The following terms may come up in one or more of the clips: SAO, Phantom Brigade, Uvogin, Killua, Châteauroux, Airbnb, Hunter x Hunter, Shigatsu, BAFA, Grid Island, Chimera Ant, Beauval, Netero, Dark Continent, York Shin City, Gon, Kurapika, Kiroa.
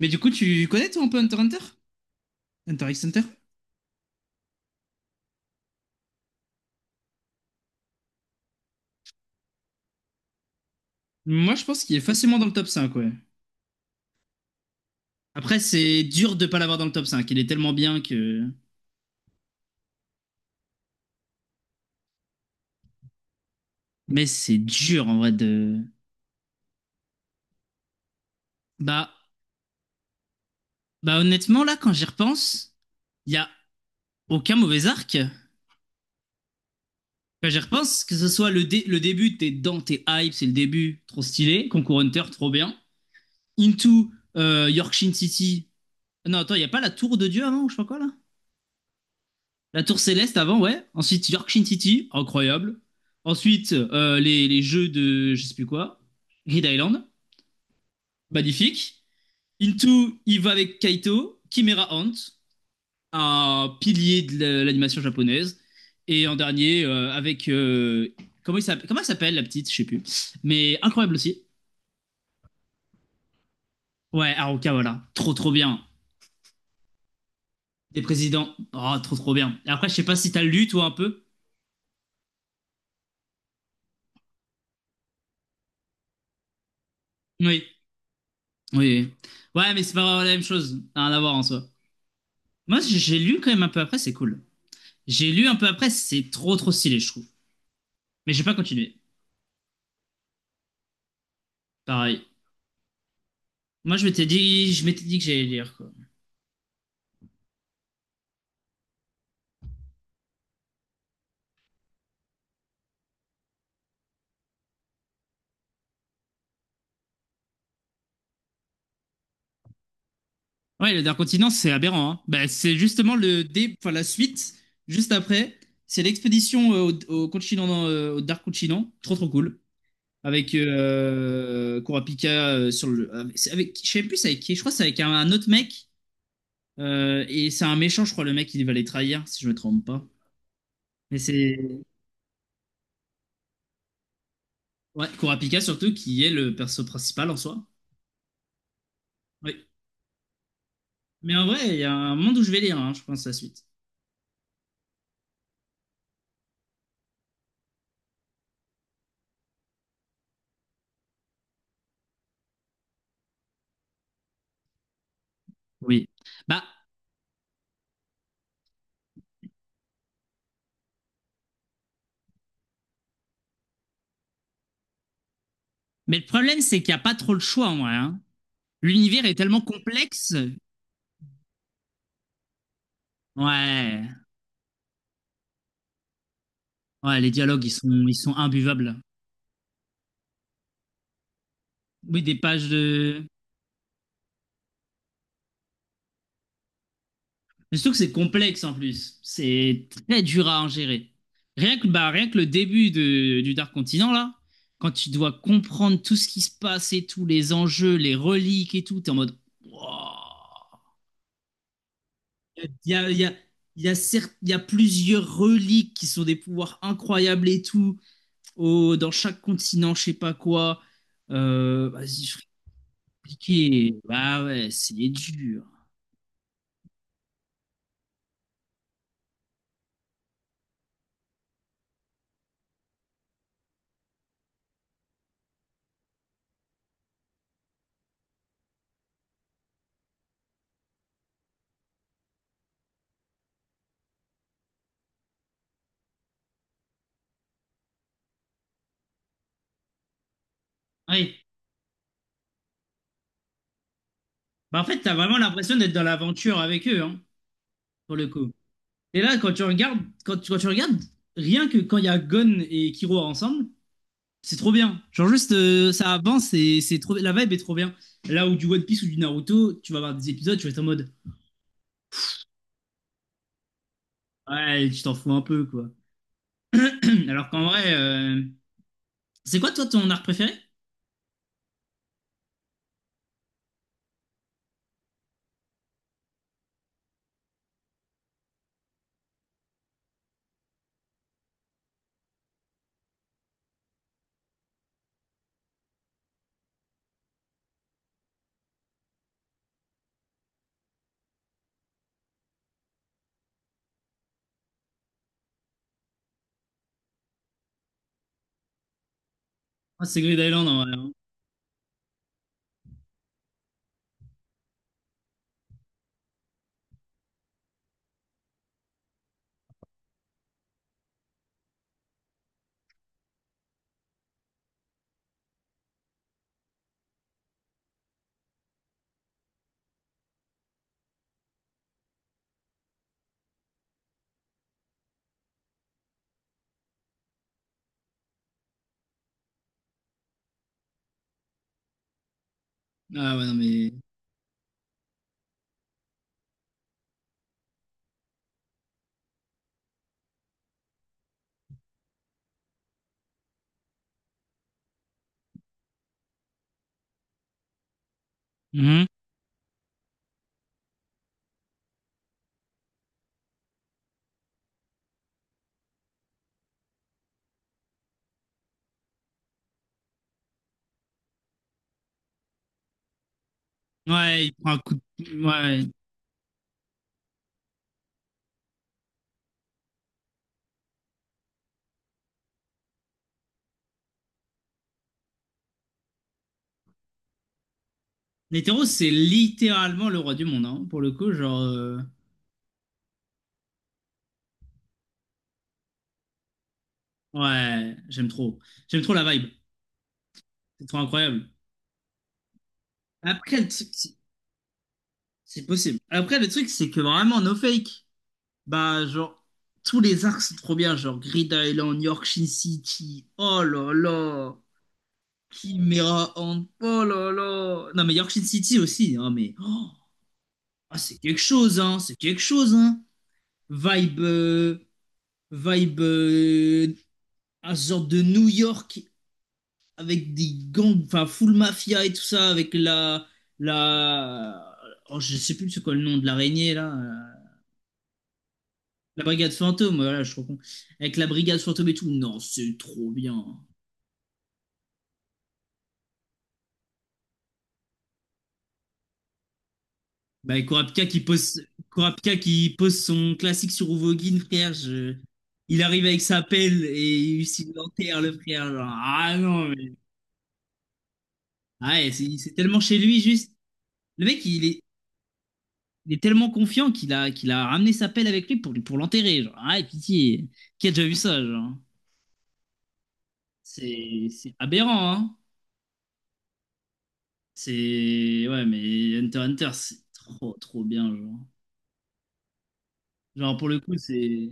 Mais du coup, tu connais toi un peu Hunter x Hunter? Hunter x Hunter? Moi, je pense qu'il est facilement dans le top cinq, ouais. Après, c'est dur de pas l'avoir dans le top 5. Il est tellement bien que. Mais c'est dur en vrai de. Bah, bah, honnêtement, là, quand j'y repense, il y a aucun mauvais arc. Quand j'y repense, que ce soit le début, t'es hype, c'est le début, trop stylé. Concours Hunter, trop bien. Into Yorkshire City. Non, attends, il n'y a pas la tour de Dieu avant, ou je sais pas quoi là? La Tour Céleste avant, ouais. Ensuite, York Shin City, incroyable. Ensuite, les jeux de je sais plus quoi. Grid Island, magnifique. Into, il va avec Kaito. Chimera Hunt, un pilier de l'animation japonaise. Et en dernier, avec. Comment elle s'appelle la petite. Je sais plus. Mais incroyable aussi. Ouais, Haruka, voilà. Trop, trop bien. Des présidents. Oh, trop, trop bien. Et après, je sais pas si t'as lu, toi, un peu. Oui. Oui. Oui. Ouais, mais c'est pas la même chose. Rien à voir en soi. Moi, j'ai lu quand même un peu après, c'est cool. J'ai lu un peu après, c'est trop trop stylé, je trouve. Mais j'ai pas continué. Pareil. Moi, je m'étais dit que j'allais lire, quoi. Ouais, le Dark Continent, c'est aberrant, hein. Bah, c'est justement enfin, la suite, juste après. C'est l'expédition au continent, au Dark Continent. Trop trop cool. Avec Kurapika sur le. Je sais plus c'est avec qui. Je crois que c'est avec un autre mec. Et c'est un méchant, je crois, le mec, il va les trahir, si je me trompe pas. Mais c'est. Ouais, Kurapika surtout, qui est le perso principal en soi. Oui. Mais en vrai, il y a un monde où je vais lire, hein, je pense, la suite. Oui. Bah, mais le problème, c'est qu'il n'y a pas trop le choix en vrai, hein. L'univers est tellement complexe. Ouais. Ouais, les dialogues, ils sont imbuvables. Oui, des pages de... Mais surtout que c'est complexe en plus. C'est très dur à ingérer. Rien que, bah, rien que le début de, du Dark Continent, là, quand tu dois comprendre tout ce qui se passe et tout, les enjeux, les reliques et tout, t'es en mode. Wow. Il y a, il y a plusieurs reliques qui sont des pouvoirs incroyables et tout, dans chaque continent, je sais pas quoi. Vas-y, je vais expliquer. Bah ouais, c'est dur. Ouais. Bah en fait, t'as vraiment l'impression d'être dans l'aventure avec eux, hein, pour le coup. Et là, quand tu regardes, rien que quand il y a Gon et Killua ensemble, c'est trop bien. Genre juste ça avance et c'est trop, la vibe est trop bien. Là où du One Piece ou du Naruto, tu vas voir des épisodes, tu vas être en mode ouais, tu t'en fous un peu quoi. Alors qu'en vrai, c'est quoi toi ton art préféré? Ah, c'est Grid Island en vrai, hein. Ah ouais, non mais. Mhm. Ouais, il prend un coup de... ouais. Netero, c'est littéralement le roi du monde, hein, pour le coup, genre ouais, j'aime trop. J'aime trop la vibe. C'est trop incroyable. Après le truc c'est possible. Après le truc c'est que vraiment no fake. Bah, genre, tous les arcs sont trop bien, genre Grid Island, York Shin City, oh là là, Chimera Ant, oh là là. Non, mais York Shin City aussi, hein, mais oh, ah, c'est quelque chose, hein, c'est quelque chose, hein. Vibe, euh, vibe, un genre de New York avec des gangs, enfin, full mafia et tout ça, avec la, la, oh, je sais plus c'est quoi le nom de l'araignée, là. La brigade fantôme, voilà, je suis trop con. Avec la brigade fantôme et tout, non, c'est trop bien. Bah, Kurapika qui pose son classique sur Uvogin, frère, je... il arrive avec sa pelle et il s'il l'enterre, le frère. Genre, ah non, mais... Ah ouais, c'est tellement chez lui, juste. Le mec, il est tellement confiant, qu'il a ramené sa pelle avec lui pour, pour l'enterrer. Genre, ah, ouais, pitié. Qui a déjà vu ça, genre? C'est aberrant, hein? C'est... Ouais, mais Hunter x Hunter, c'est trop, trop bien, genre. Genre, pour le coup, c'est...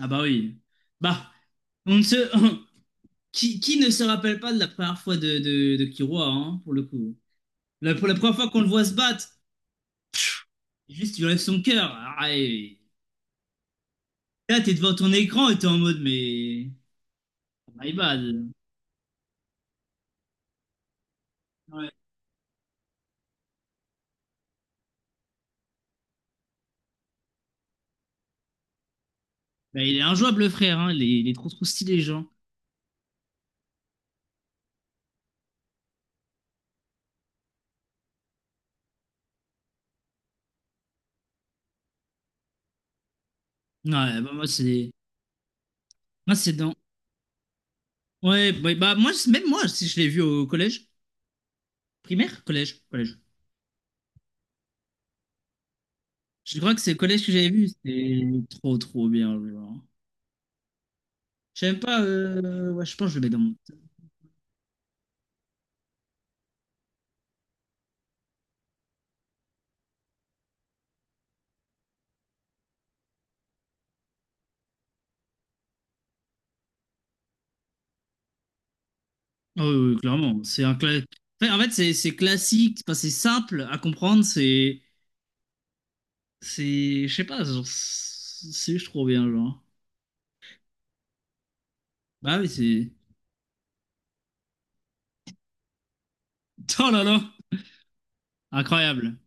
Ah bah oui. Bah, on ne se... Qui ne se rappelle pas de la première fois de Kiroa, hein, pour le coup? La, pour la première fois qu'on le voit se battre, juste, il enlève son cœur. Ah, et- Là, t'es devant ton écran et t'es en mode, mais... My bad. Ouais. Bah, il est injouable, le frère, hein. Il est trop, trop stylé, genre. Ouais, bah, moi, c'est... Moi, c'est dans... Ouais, bah, moi, même moi, si je l'ai vu au collège. Primaire? Collège. Collège. Je crois que c'est le collège que j'avais vu. C'était trop, trop bien, genre. Je sais même pas, ouais, je pense que je le mets dans mon. Ah oui, oui, clairement. Enfin, en fait, c'est classique, c'est simple à comprendre, c'est. C'est. Je sais pas, genre, c'est juste trop bien, genre. Bah oui, c'est. Oh là là! Incroyable!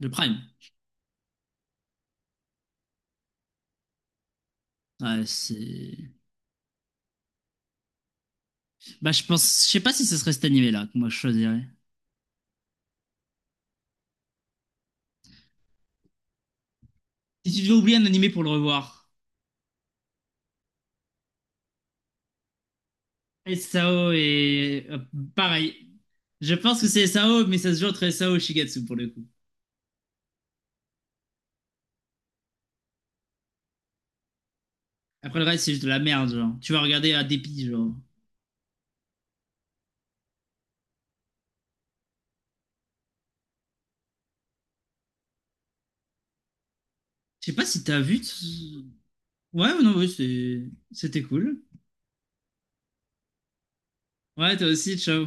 Le Prime. Ouais, c'est. Bah, je pense. Je sais pas si ce serait cet animé-là que moi je choisirais. Si tu devais oublier un animé pour le revoir, SAO et. Pareil. Je pense que c'est SAO, mais ça se joue entre SAO et Shigatsu pour le coup. Après le reste, c'est juste de la merde, genre. Tu vas regarder à dépit, genre. Je sais pas si t'as vu. Ouais, non, ouais, c'était cool. Ouais, toi aussi, ciao.